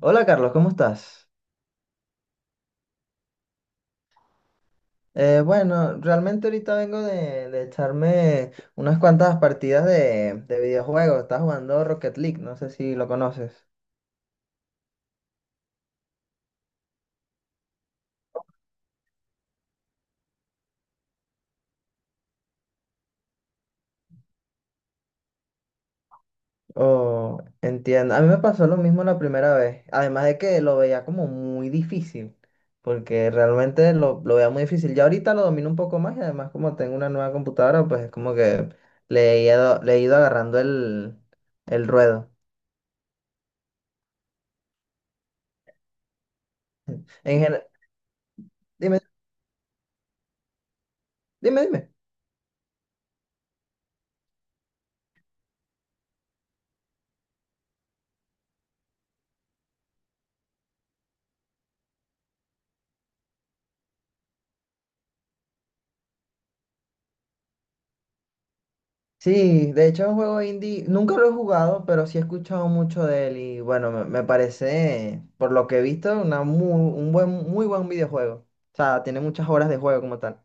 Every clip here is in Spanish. Hola Carlos, ¿cómo estás? Bueno, realmente ahorita vengo de echarme unas cuantas partidas de videojuegos. Estaba jugando Rocket League, no sé si lo conoces. O entiendo. A mí me pasó lo mismo la primera vez. Además de que lo veía como muy difícil, porque realmente lo veía muy difícil. Ya ahorita lo domino un poco más y además como tengo una nueva computadora, pues es como que le he ido agarrando el ruedo. En gen- Dime, dime. Sí, de hecho es un juego indie, nunca lo he jugado, pero sí he escuchado mucho de él y bueno, me parece, por lo que he visto, un buen, muy buen videojuego. O sea, tiene muchas horas de juego como tal.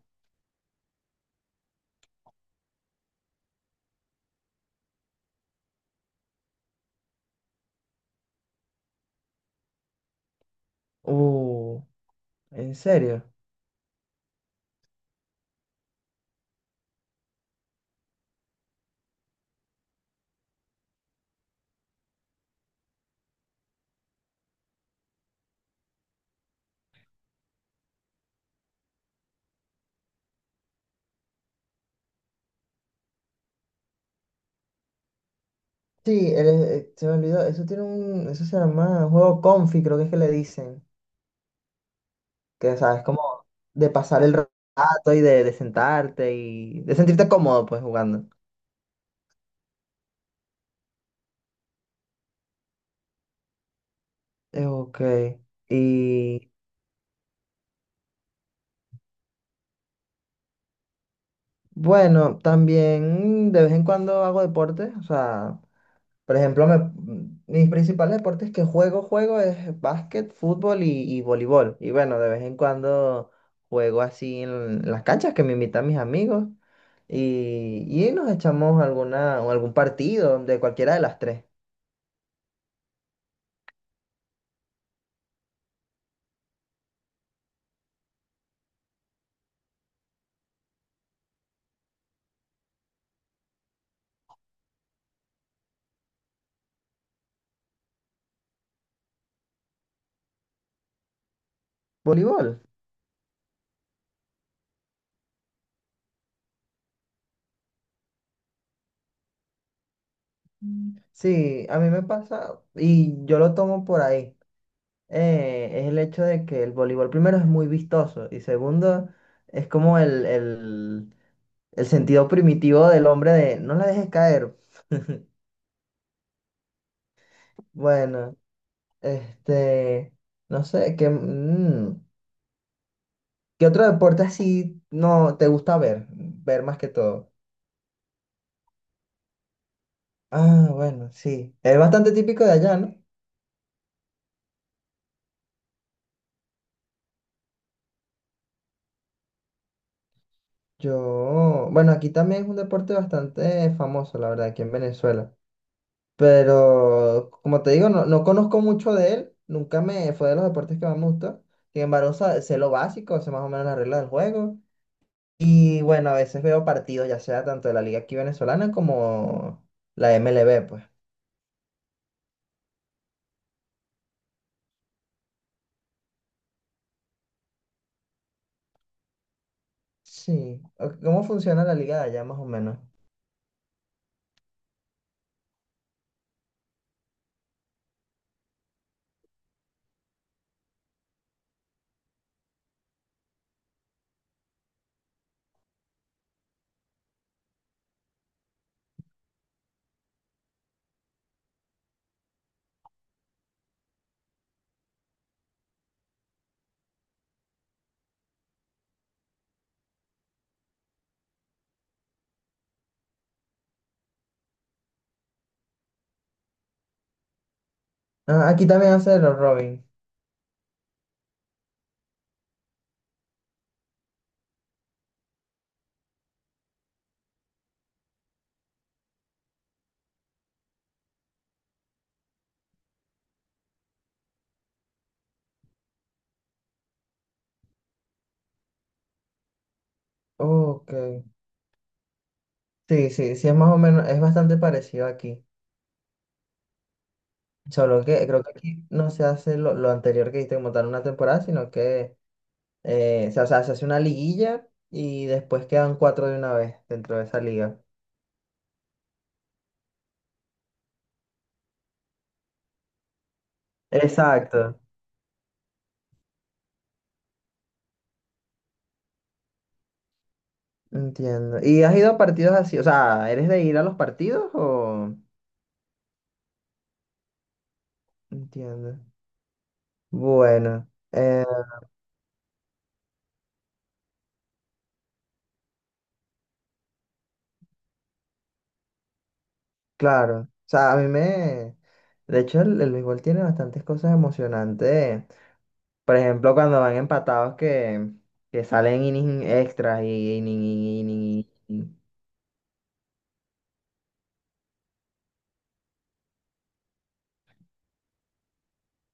Uh, ¿En serio? Sí, se me olvidó, eso tiene eso se llama juego comfy creo que es que le dicen, que sabes, como de pasar el rato y de sentarte y de sentirte cómodo pues jugando. Ok. Y Bueno, también de vez en cuando hago deporte, o sea, por ejemplo, mis principales deportes que juego, juego es básquet, fútbol y voleibol. Y bueno, de vez en cuando juego así en las canchas que me invitan mis amigos y nos echamos alguna, o algún partido de cualquiera de las tres. Voleibol. Mm. Sí, a mí me pasa y yo lo tomo por ahí. Es el hecho de que el voleibol primero es muy vistoso y segundo es como el sentido primitivo del hombre de no la dejes caer. Bueno, este, no sé, ¿qué otro deporte así no te gusta ver? Ver más que todo. Ah, bueno, sí. Es bastante típico de allá, ¿no? Yo, bueno, aquí también es un deporte bastante famoso, la verdad, aquí en Venezuela. Pero, como te digo, no, no conozco mucho de él. Nunca me fue de los deportes que más me gustó. Sin embargo, sé lo básico, sé más o menos las reglas del juego. Y bueno, a veces veo partidos, ya sea tanto de la liga aquí venezolana como la MLB, pues. Sí. O- ¿Cómo funciona la liga de allá, más o menos? Ah, aquí también hace los Robin. Ok. Sí, sí, sí, es más o menos, es bastante parecido aquí. Solo que creo que aquí no se hace lo anterior que hiciste como tal una temporada, sino que se hace una liguilla y después quedan cuatro de una vez dentro de esa liga. Exacto. Entiendo. ¿Y has ido a partidos así? O sea, ¿eres de ir a los partidos o...? Entiendo. Bueno, eh, claro. O sea, a mí me... De hecho, el béisbol tiene bastantes cosas emocionantes. Por ejemplo, cuando van empatados que salen innings extras y inning.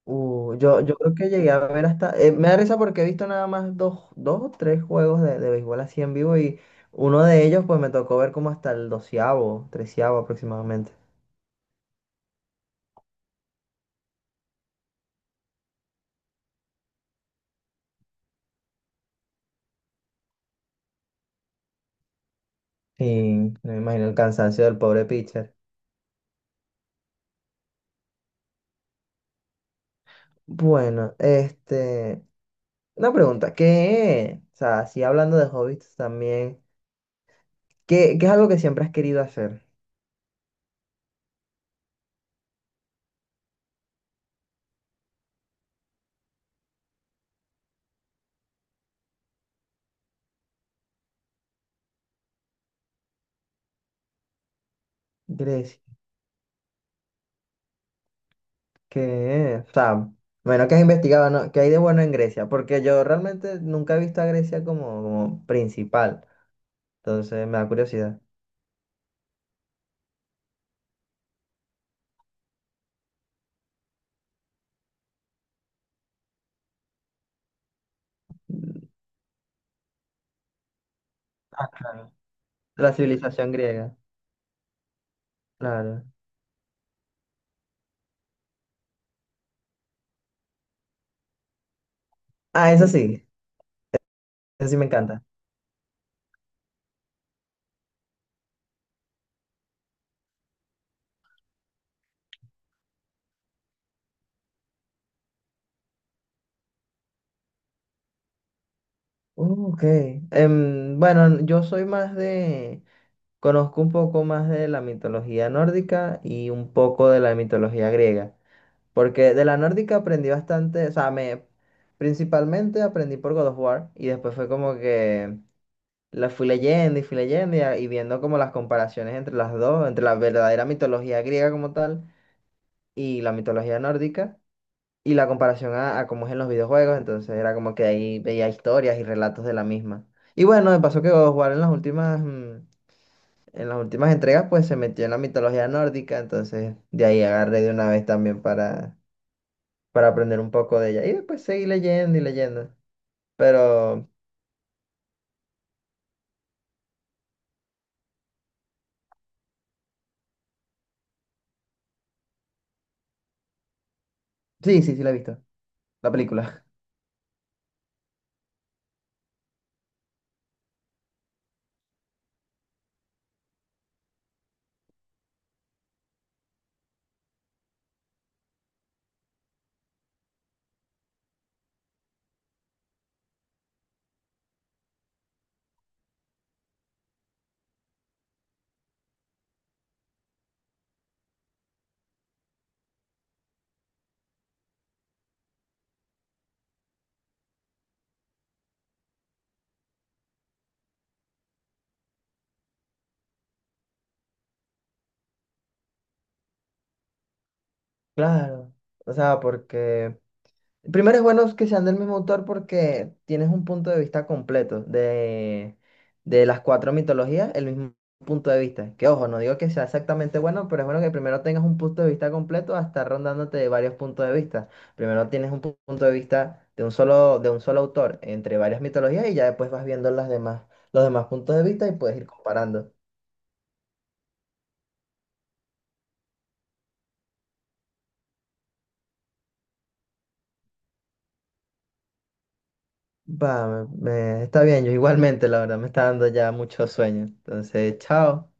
Yo creo que llegué a ver hasta. Me da risa porque he visto nada más dos, dos o tres juegos de béisbol así en vivo y uno de ellos, pues me tocó ver como hasta el doceavo, treceavo aproximadamente. Sí, me imagino el cansancio del pobre pitcher. Bueno, este. Una pregunta, ¿qué? O sea, así hablando de hobbies también, ¿qué es algo que siempre has querido hacer? Grecia que, o sea, bueno, que has investigado, ¿no? ¿Qué hay de bueno en Grecia? Porque yo realmente nunca he visto a Grecia como, como principal. Entonces me da curiosidad. Claro. La civilización griega, claro. Ah, eso sí me encanta. Ok. Bueno, yo soy más de, conozco un poco más de la mitología nórdica y un poco de la mitología griega. Porque de la nórdica aprendí bastante, o sea, me, principalmente aprendí por God of War y después fue como que... La fui leyendo y, y viendo como las comparaciones entre las dos, entre la verdadera mitología griega como tal y la mitología nórdica y la comparación a cómo es en los videojuegos, entonces era como que ahí veía historias y relatos de la misma. Y bueno, me pasó que God of War en las en las últimas entregas pues se metió en la mitología nórdica, entonces de ahí agarré de una vez también para aprender un poco de ella y después seguí leyendo y leyendo, pero sí, sí, sí la he visto, la película, claro. O sea, porque primero es bueno que sean del mismo autor porque tienes un punto de vista completo de las cuatro mitologías, el mismo punto de vista. Que ojo, no digo que sea exactamente bueno, pero es bueno que primero tengas un punto de vista completo hasta rondándote de varios puntos de vista. Primero tienes un punto de vista de un solo autor entre varias mitologías y ya después vas viendo las demás, los demás puntos de vista y puedes ir comparando. Va, está bien, yo igualmente, la verdad, me está dando ya mucho sueño. Entonces, chao.